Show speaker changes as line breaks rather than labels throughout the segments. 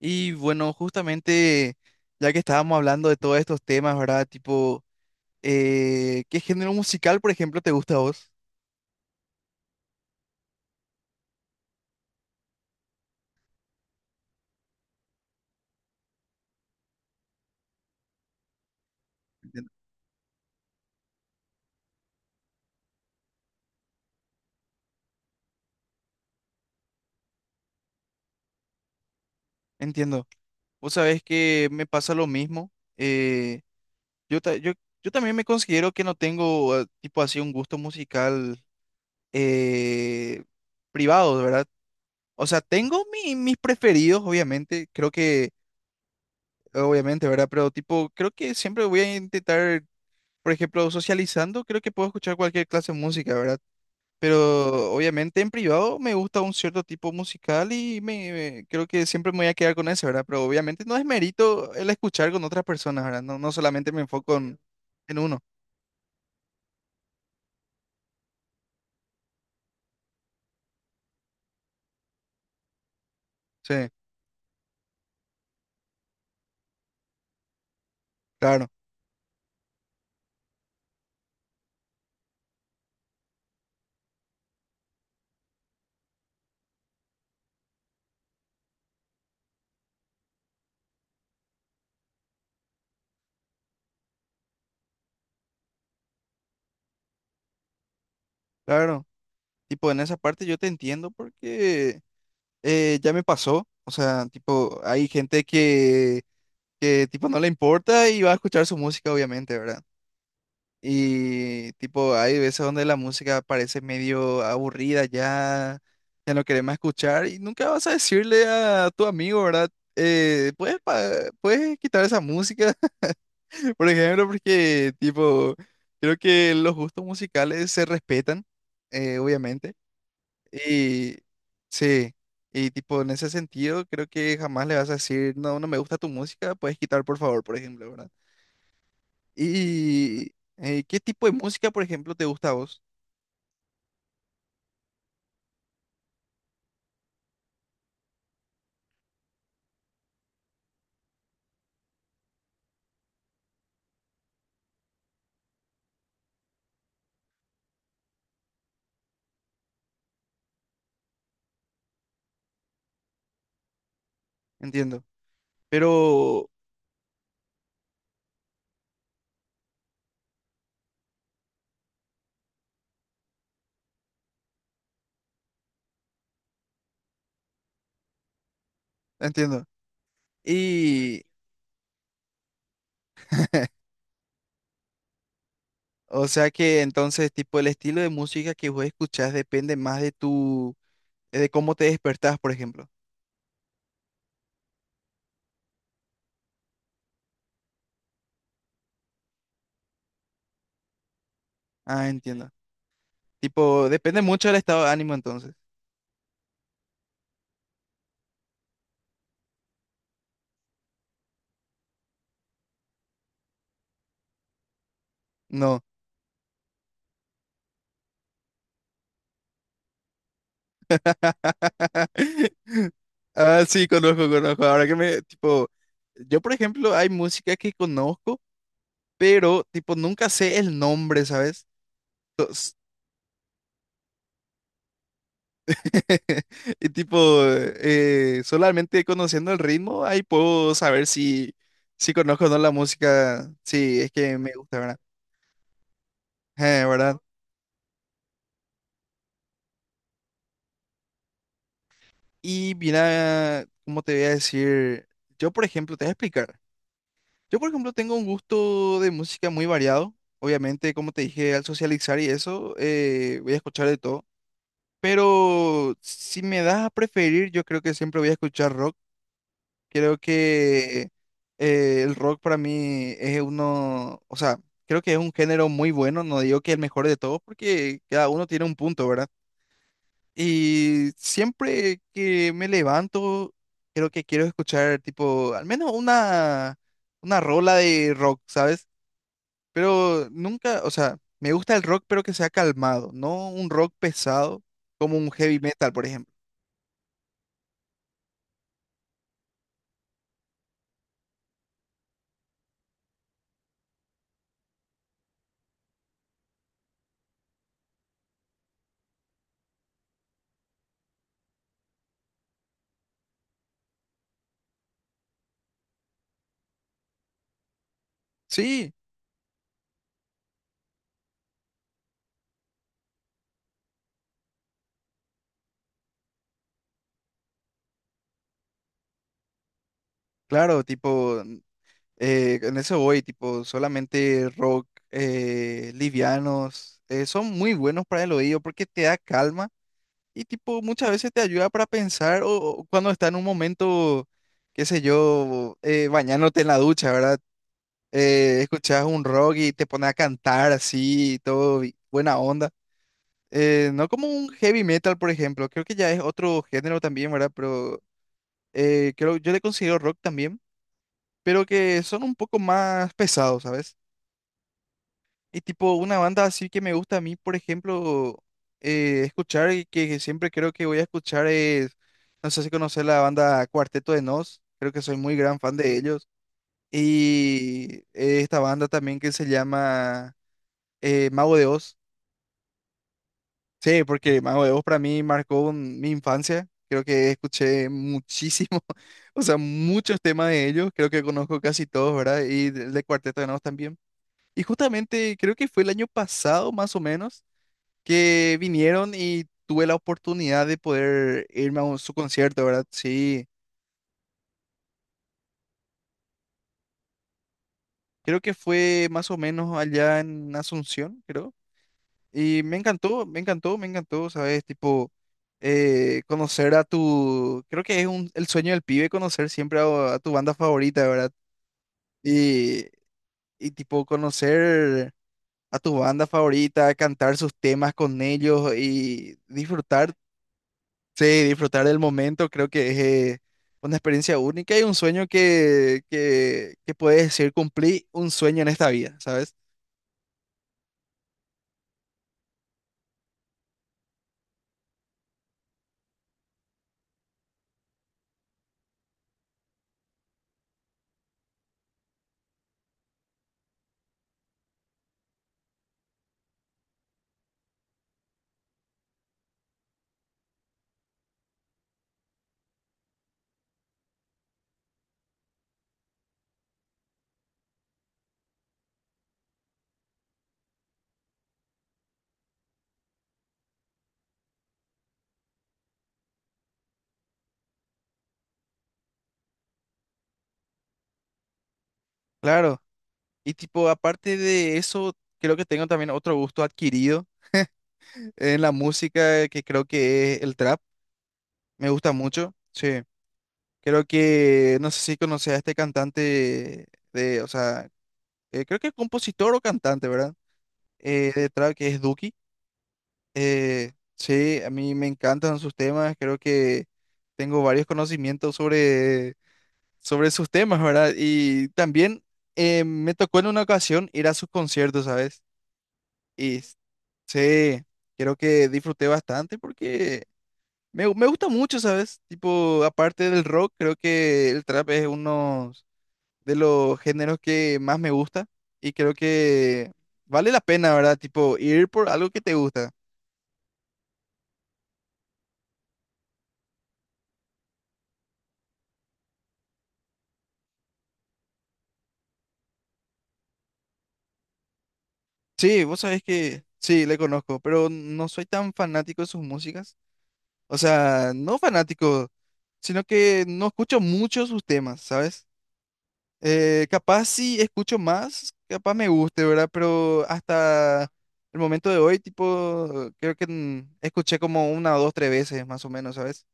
Y bueno, justamente ya que estábamos hablando de todos estos temas, ¿verdad? Tipo, ¿qué género musical, por ejemplo, te gusta a vos? Entiendo. Entiendo. Vos sabés que me pasa lo mismo. eh, yo, ta- yo, yo también me considero que no tengo, tipo así, un gusto musical eh, privado, ¿verdad? O sea, mis preferidos, obviamente. Creo que, obviamente, ¿verdad? Pero tipo, creo que siempre voy a intentar. Por ejemplo, socializando, creo que puedo escuchar cualquier clase de música, ¿verdad? Pero obviamente en privado me gusta un cierto tipo musical y creo que siempre me voy a quedar con ese, ¿verdad? Pero obviamente no es mérito el escuchar con otras personas, ¿verdad? No, no solamente me enfoco en uno. Sí, claro, claro. Tipo, en esa parte yo te entiendo porque ya me pasó. O sea, tipo, hay gente que tipo no le importa y va a escuchar su música, obviamente, ¿verdad? Y tipo, hay veces donde la música parece medio aburrida, ya, ya no querés más escuchar y nunca vas a decirle a tu amigo, ¿verdad? Eh, ¿puedes, pa- ¿puedes quitar esa música, por ejemplo? Porque tipo, creo que los gustos musicales se respetan, obviamente. Y sí, y tipo, en ese sentido, creo que jamás le vas a decir, no, no me gusta tu música, puedes quitar, por favor, por ejemplo, ¿verdad? Y, ¿qué tipo de música, por ejemplo, te gusta a vos? Entiendo. Pero, entiendo. Y, o sea que entonces, tipo, el estilo de música que vos escuchás depende más de tu, de cómo te despertás, por ejemplo. Ah, entiendo. Tipo, depende mucho del estado de ánimo entonces. No. Ah, sí, conozco, conozco. Ahora que me, tipo, yo, por ejemplo, hay música que conozco, pero, tipo, nunca sé el nombre, ¿sabes? Y tipo, solamente conociendo el ritmo, ahí puedo saber si, si conozco o no la música, si es que me gusta, ¿verdad? ¿Verdad? Y mira, ¿cómo te voy a decir? Yo, por ejemplo, te voy a explicar. Yo, por ejemplo, tengo un gusto de música muy variado. Obviamente, como te dije, al socializar y eso, voy a escuchar de todo. Pero si me das a preferir, yo creo que siempre voy a escuchar rock. Creo que el rock para mí es uno, o sea, creo que es un género muy bueno, no digo que el mejor de todos porque cada uno tiene un punto, ¿verdad? Y siempre que me levanto, creo que quiero escuchar tipo, al menos una rola de rock, ¿sabes? Pero nunca, o sea, me gusta el rock pero que sea calmado, no un rock pesado como un heavy metal, por ejemplo. Sí, claro, tipo... en eso voy, tipo, solamente rock, livianos, son muy buenos para el oído porque te da calma y tipo muchas veces te ayuda para pensar o cuando está en un momento, qué sé yo, bañándote en la ducha, ¿verdad? Escuchas un rock y te pones a cantar así, y todo buena onda. No como un heavy metal, por ejemplo, creo que ya es otro género también, ¿verdad? Pero creo, yo le considero rock también, pero que son un poco más pesados, ¿sabes? Y tipo, una banda así que me gusta a mí, por ejemplo, escuchar y que siempre creo que voy a escuchar es, no sé si conoces la banda Cuarteto de Nos, creo que soy muy gran fan de ellos. Y esta banda también que se llama Mago de Oz. Sí, porque Mago de Oz para mí mi infancia. Creo que escuché muchísimo, o sea, muchos temas de ellos. Creo que conozco casi todos, ¿verdad? Y de Cuarteto de Nos también. Y justamente creo que fue el año pasado, más o menos, que vinieron y tuve la oportunidad de poder irme a su concierto, ¿verdad? Sí, creo que fue más o menos allá en Asunción, creo. Y me encantó, me encantó, me encantó, ¿sabes? Tipo, conocer a tu, creo que es un, el sueño del pibe conocer siempre a tu banda favorita, ¿verdad? Y, y tipo, conocer a tu banda favorita, cantar sus temas con ellos y disfrutar. Sí, disfrutar del momento creo que es eh, una experiencia única y un sueño que puedes decir cumplí un sueño en esta vida, ¿sabes? Claro. Y tipo, aparte de eso, creo que tengo también otro gusto adquirido en la música que creo que es el trap. Me gusta mucho. Sí. Creo que, no sé si conoces a este cantante de, o sea, creo que es compositor o cantante, ¿verdad? De trap que es Duki. Sí, a mí me encantan sus temas, creo que tengo varios conocimientos sobre, sobre sus temas, ¿verdad? Y también me tocó en una ocasión ir a sus conciertos, ¿sabes? Y sí, creo que disfruté bastante porque me gusta mucho, ¿sabes? Tipo, aparte del rock, creo que el trap es uno de los géneros que más me gusta y creo que vale la pena, ¿verdad? Tipo, ir por algo que te gusta. Sí, vos sabés que sí, le conozco, pero no soy tan fanático de sus músicas. O sea, no fanático, sino que no escucho mucho sus temas, ¿sabes? Capaz sí escucho más, capaz me guste, ¿verdad? Pero hasta el momento de hoy, tipo, creo que escuché como una dos, tres veces más o menos, ¿sabes?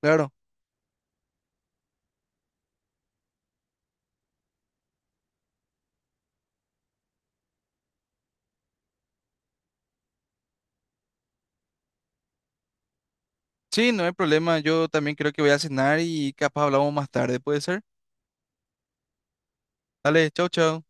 Claro. Sí, no hay problema. Yo también creo que voy a cenar y capaz hablamos más tarde, ¿puede ser? Dale, chau, chau.